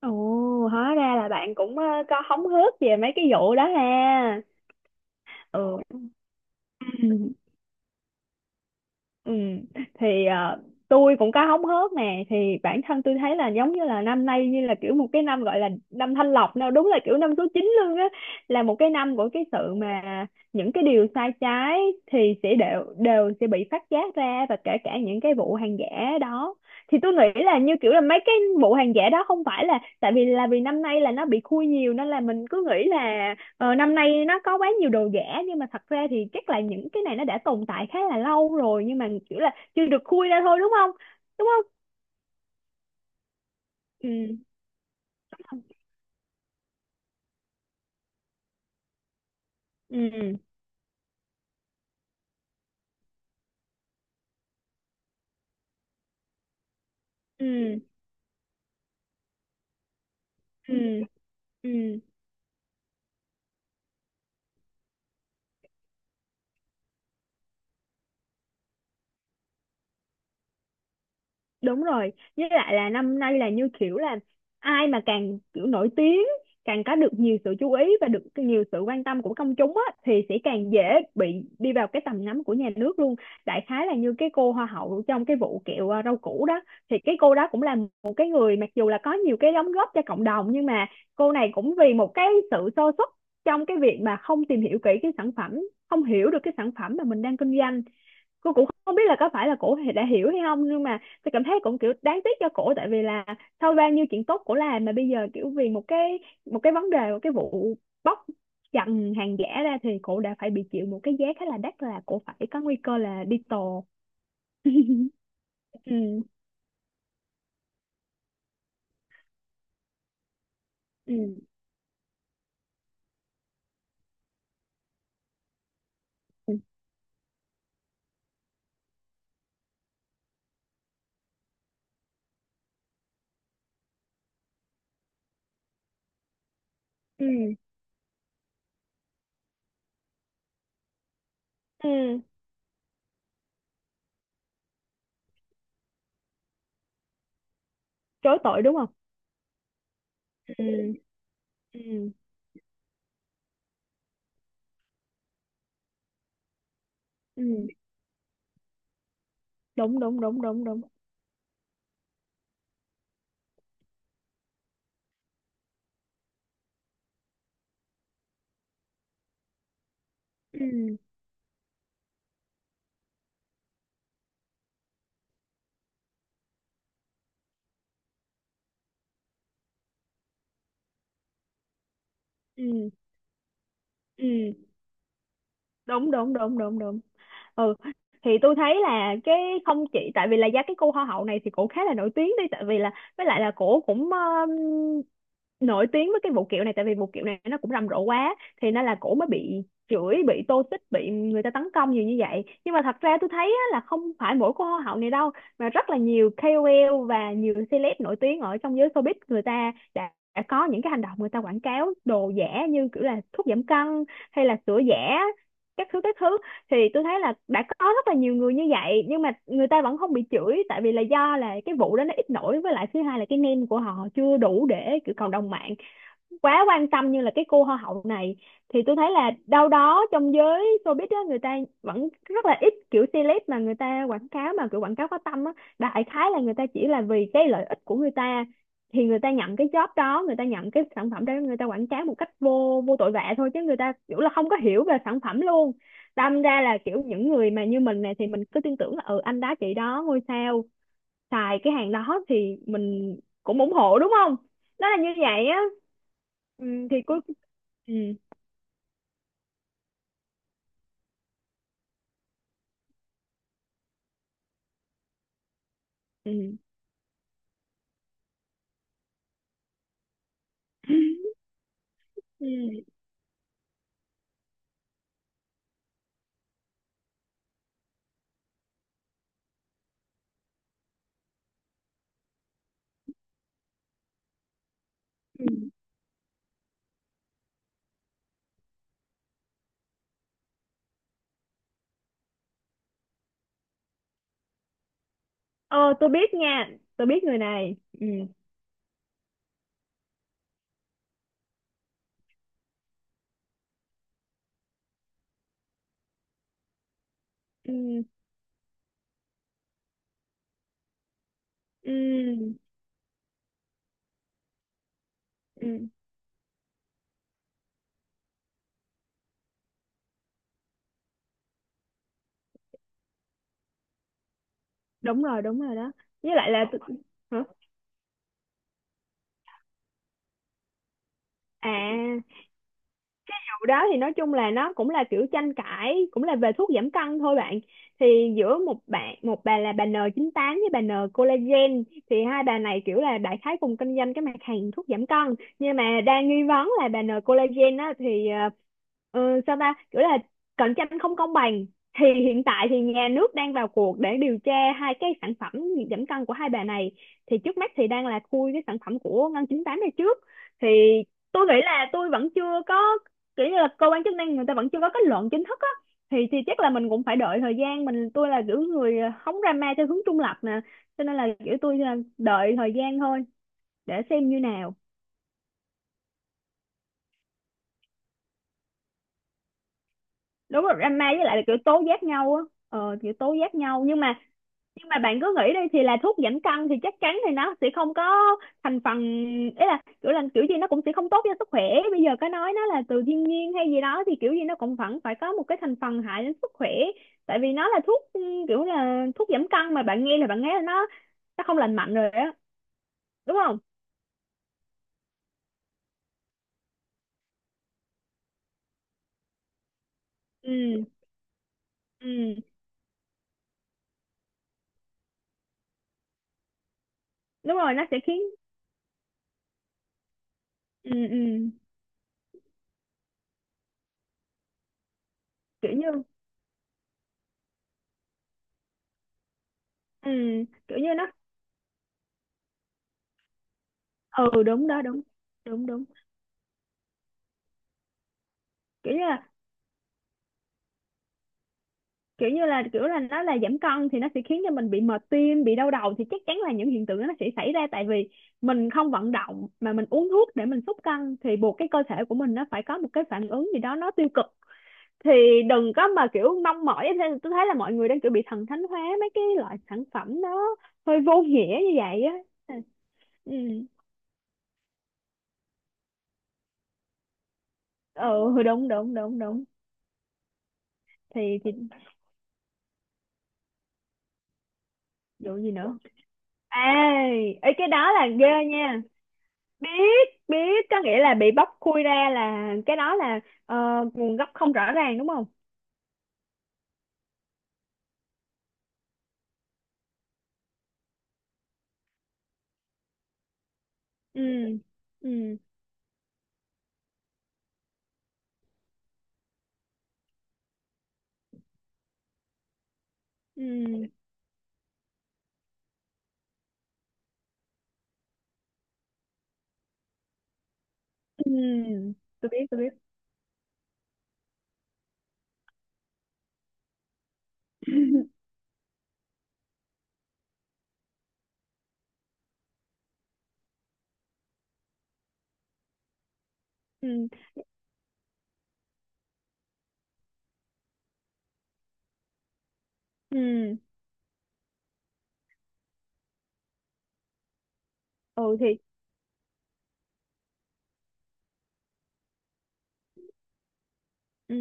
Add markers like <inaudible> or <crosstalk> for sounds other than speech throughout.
Ồ, hóa ra là bạn cũng có hóng hớt về mấy cái vụ đó ha. Ừ. Ừ, thì tôi cũng có hóng hớt nè. Thì bản thân tôi thấy là giống như là năm nay như là kiểu một cái năm gọi là năm thanh lọc nào, đúng là kiểu năm số 9 luôn á, là một cái năm của cái sự mà những cái điều sai trái thì sẽ đều đều sẽ bị phát giác ra, và kể cả những cái vụ hàng giả đó. Thì tôi nghĩ là như kiểu là mấy cái vụ hàng giả đó không phải là tại vì là vì năm nay là nó bị khui nhiều, nên là mình cứ nghĩ là ờ, năm nay nó có quá nhiều đồ giả, nhưng mà thật ra thì chắc là những cái này nó đã tồn tại khá là lâu rồi, nhưng mà kiểu là chưa được khui ra thôi, đúng không? Đúng không? Ừ. Đúng không? Ừ. Ừ. Ừ. Ừ. Đúng rồi, với lại là năm nay là như kiểu là ai mà càng kiểu nổi tiếng, càng có được nhiều sự chú ý và được nhiều sự quan tâm của công chúng á, thì sẽ càng dễ bị đi vào cái tầm ngắm của nhà nước luôn. Đại khái là như cái cô hoa hậu trong cái vụ kẹo à, rau củ đó, thì cái cô đó cũng là một cái người, mặc dù là có nhiều cái đóng góp cho cộng đồng, nhưng mà cô này cũng vì một cái sự sơ suất trong cái việc mà không tìm hiểu kỹ cái sản phẩm, không hiểu được cái sản phẩm mà mình đang kinh doanh. Cô cũng không biết là có phải là cổ đã hiểu hay không, nhưng mà tôi cảm thấy cũng kiểu đáng tiếc cho cổ, tại vì là sau bao nhiêu chuyện tốt cổ làm mà bây giờ kiểu vì một cái, một cái vấn đề, một cái vụ bóc trần hàng giả ra, thì cổ đã phải bị chịu một cái giá khá là đắt, là cổ phải có nguy cơ là đi tù. <laughs> Ừ, ừ, ừ, ừ, ừ. Chối tội đúng không? Ừ, ừ, ừ. Đúng đúng đúng đúng đúng. Ừ, ừ, ừ. Đúng đúng đúng đúng đúng. Ừ, thì tôi thấy là cái, không chỉ tại vì là giá cái cô hoa hậu này thì cổ khá là nổi tiếng đi, tại vì là với lại là cổ cũng nổi tiếng với cái vụ kiểu này, tại vì vụ kiểu này nó cũng rầm rộ quá, thì nên là cổ mới bị chửi, bị tô xích, bị người ta tấn công nhiều như vậy. Nhưng mà thật ra tôi thấy á, là không phải mỗi cô hoa hậu này đâu, mà rất là nhiều KOL và nhiều celeb nổi tiếng ở trong giới showbiz, người ta đã có những cái hành động, người ta quảng cáo đồ giả như kiểu là thuốc giảm cân hay là sữa giả, các thứ các thứ. Thì tôi thấy là đã có rất là nhiều người như vậy, nhưng mà người ta vẫn không bị chửi, tại vì là do là cái vụ đó nó ít nổi, với lại thứ hai là cái name của họ chưa đủ để kiểu cộng đồng mạng quá quan tâm như là cái cô hoa hậu này. Thì tôi thấy là đâu đó trong giới showbiz á, người ta vẫn rất là ít kiểu celeb mà người ta quảng cáo mà kiểu quảng cáo có tâm á. Đại khái là người ta chỉ là vì cái lợi ích của người ta, thì người ta nhận cái job đó, người ta nhận cái sản phẩm đó, người ta quảng cáo một cách vô vô tội vạ thôi, chứ người ta kiểu là không có hiểu về sản phẩm luôn. Đâm ra là kiểu những người mà như mình này thì mình cứ tin tưởng là ừ anh đó chị đó ngôi sao, xài cái hàng đó thì mình cũng ủng hộ, đúng không? Nó là như vậy á. Ừ, thì cuối. Ừ, ừ, ừ, ừ. Ờ tôi biết nha, tôi biết người này. Ừ, ừ, ừ, ừ. Đúng rồi đúng rồi đó. Với lại là tôi... Hả? À. Đầu đó thì nói chung là nó cũng là kiểu tranh cãi, cũng là về thuốc giảm cân thôi bạn. Thì giữa một bạn, một bà là bà N98 với bà N collagen. Thì hai bà này kiểu là đại khái cùng kinh doanh cái mặt hàng thuốc giảm cân, nhưng mà đang nghi vấn là bà N collagen á thì sao ta, kiểu là cạnh tranh không công bằng. Thì hiện tại thì nhà nước đang vào cuộc để điều tra hai cái sản phẩm giảm cân của hai bà này. Thì trước mắt thì đang là khui cái sản phẩm của Ngân 98 này trước. Thì tôi nghĩ là tôi vẫn chưa có, kiểu như là cơ quan chức năng người ta vẫn chưa có kết luận chính thức á. Thì chắc là mình cũng phải đợi thời gian. Mình tôi là kiểu người hóng drama theo hướng trung lập nè, cho nên là kiểu tôi là đợi thời gian thôi, để xem như nào. Đúng rồi, drama với lại là kiểu tố giác nhau á, ờ kiểu tố giác nhau. Nhưng mà bạn cứ nghĩ đi, thì là thuốc giảm cân thì chắc chắn thì nó sẽ không có thành phần, ý là kiểu gì nó cũng sẽ không tốt cho sức khỏe. Bây giờ có nói nó là từ thiên nhiên hay gì đó thì kiểu gì nó cũng vẫn phải có một cái thành phần hại đến sức khỏe, tại vì nó là thuốc. Ừ, Kiểu là thuốc giảm cân mà bạn nghe là nó không lành mạnh rồi á, đúng không? Ừ. Ừ, đúng rồi, nó sẽ khiến. Ừ. Ừ, kiểu như. Ừ, kiểu như nó. Ừ, đúng đó, đúng, đúng, đúng. Kiểu như là, kiểu là nó là giảm cân thì nó sẽ khiến cho mình bị mệt tim, bị đau đầu, thì chắc chắn là những hiện tượng đó nó sẽ xảy ra. Tại vì mình không vận động mà mình uống thuốc để mình xúc cân, thì buộc cái cơ thể của mình nó phải có một cái phản ứng gì đó nó tiêu cực. Thì đừng có mà kiểu mong mỏi thế. Tôi thấy là mọi người đang kiểu bị thần thánh hóa mấy cái loại sản phẩm nó hơi vô nghĩa như vậy á. Ừ. Ừ, ừ, đúng đúng đúng đúng. Thì vụ gì nữa? À, ấy cái đó là ghê nha. Biết biết, có nghĩa là bị bóc khui ra là cái đó là ờ, nguồn gốc không rõ ràng, đúng không? Ừ, ừ, ừ, ừ. Tôi biết tôi biết. Ừ, ừ, ừ. Thì. Ừ.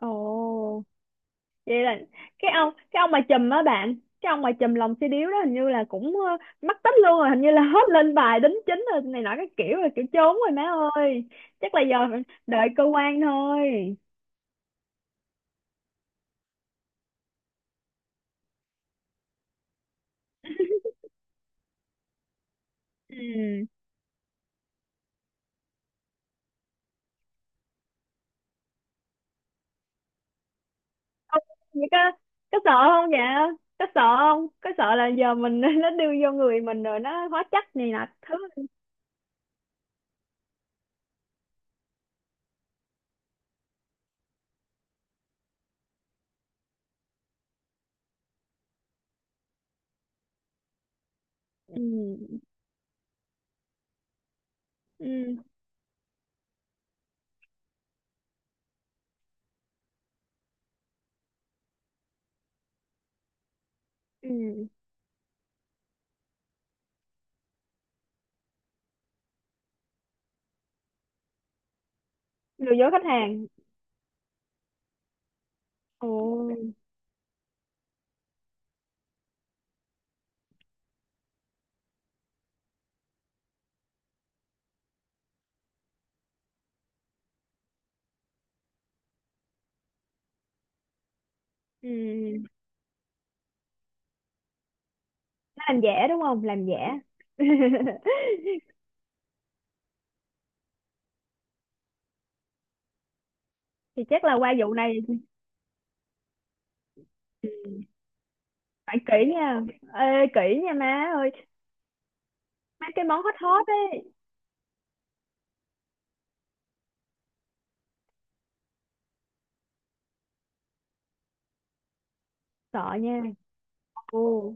Ồ, vậy là cái ông mà chùm á bạn, cái ông mà chùm lòng xe điếu đó hình như là cũng mắc tích luôn rồi, hình như là hết lên bài đính chính rồi này nọ, cái kiểu là kiểu trốn rồi má ơi. Chắc là giờ phải đợi cơ quan thôi. Ừ. Ông vậy có sợ không vậy? Có sợ không? Có sợ là giờ mình, <laughs> nó đưa vô người mình rồi nó hóa chất này nọ thứ. Ừ, ừ, ừ, lừa dối khách hàng. Ồ. Ừ, nó làm giả đúng không? Làm giả. <laughs> Thì chắc là qua vụ này phải kỹ nha. Ê, kỹ nha má ơi, mấy cái món hot hot ấy, sợ nha. Ồ,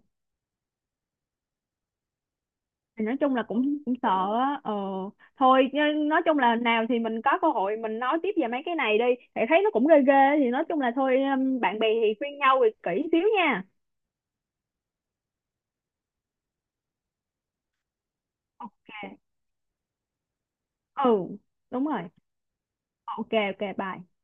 thì nói chung là cũng cũng sợ á. Ờ thôi, nhưng nói chung là nào thì mình có cơ hội mình nói tiếp về mấy cái này đi, thì thấy nó cũng ghê ghê. Thì nói chung là thôi, bạn bè thì khuyên nhau thì kỹ xíu nha. Ok. Ừ. Đúng rồi. Ok, ok, bye.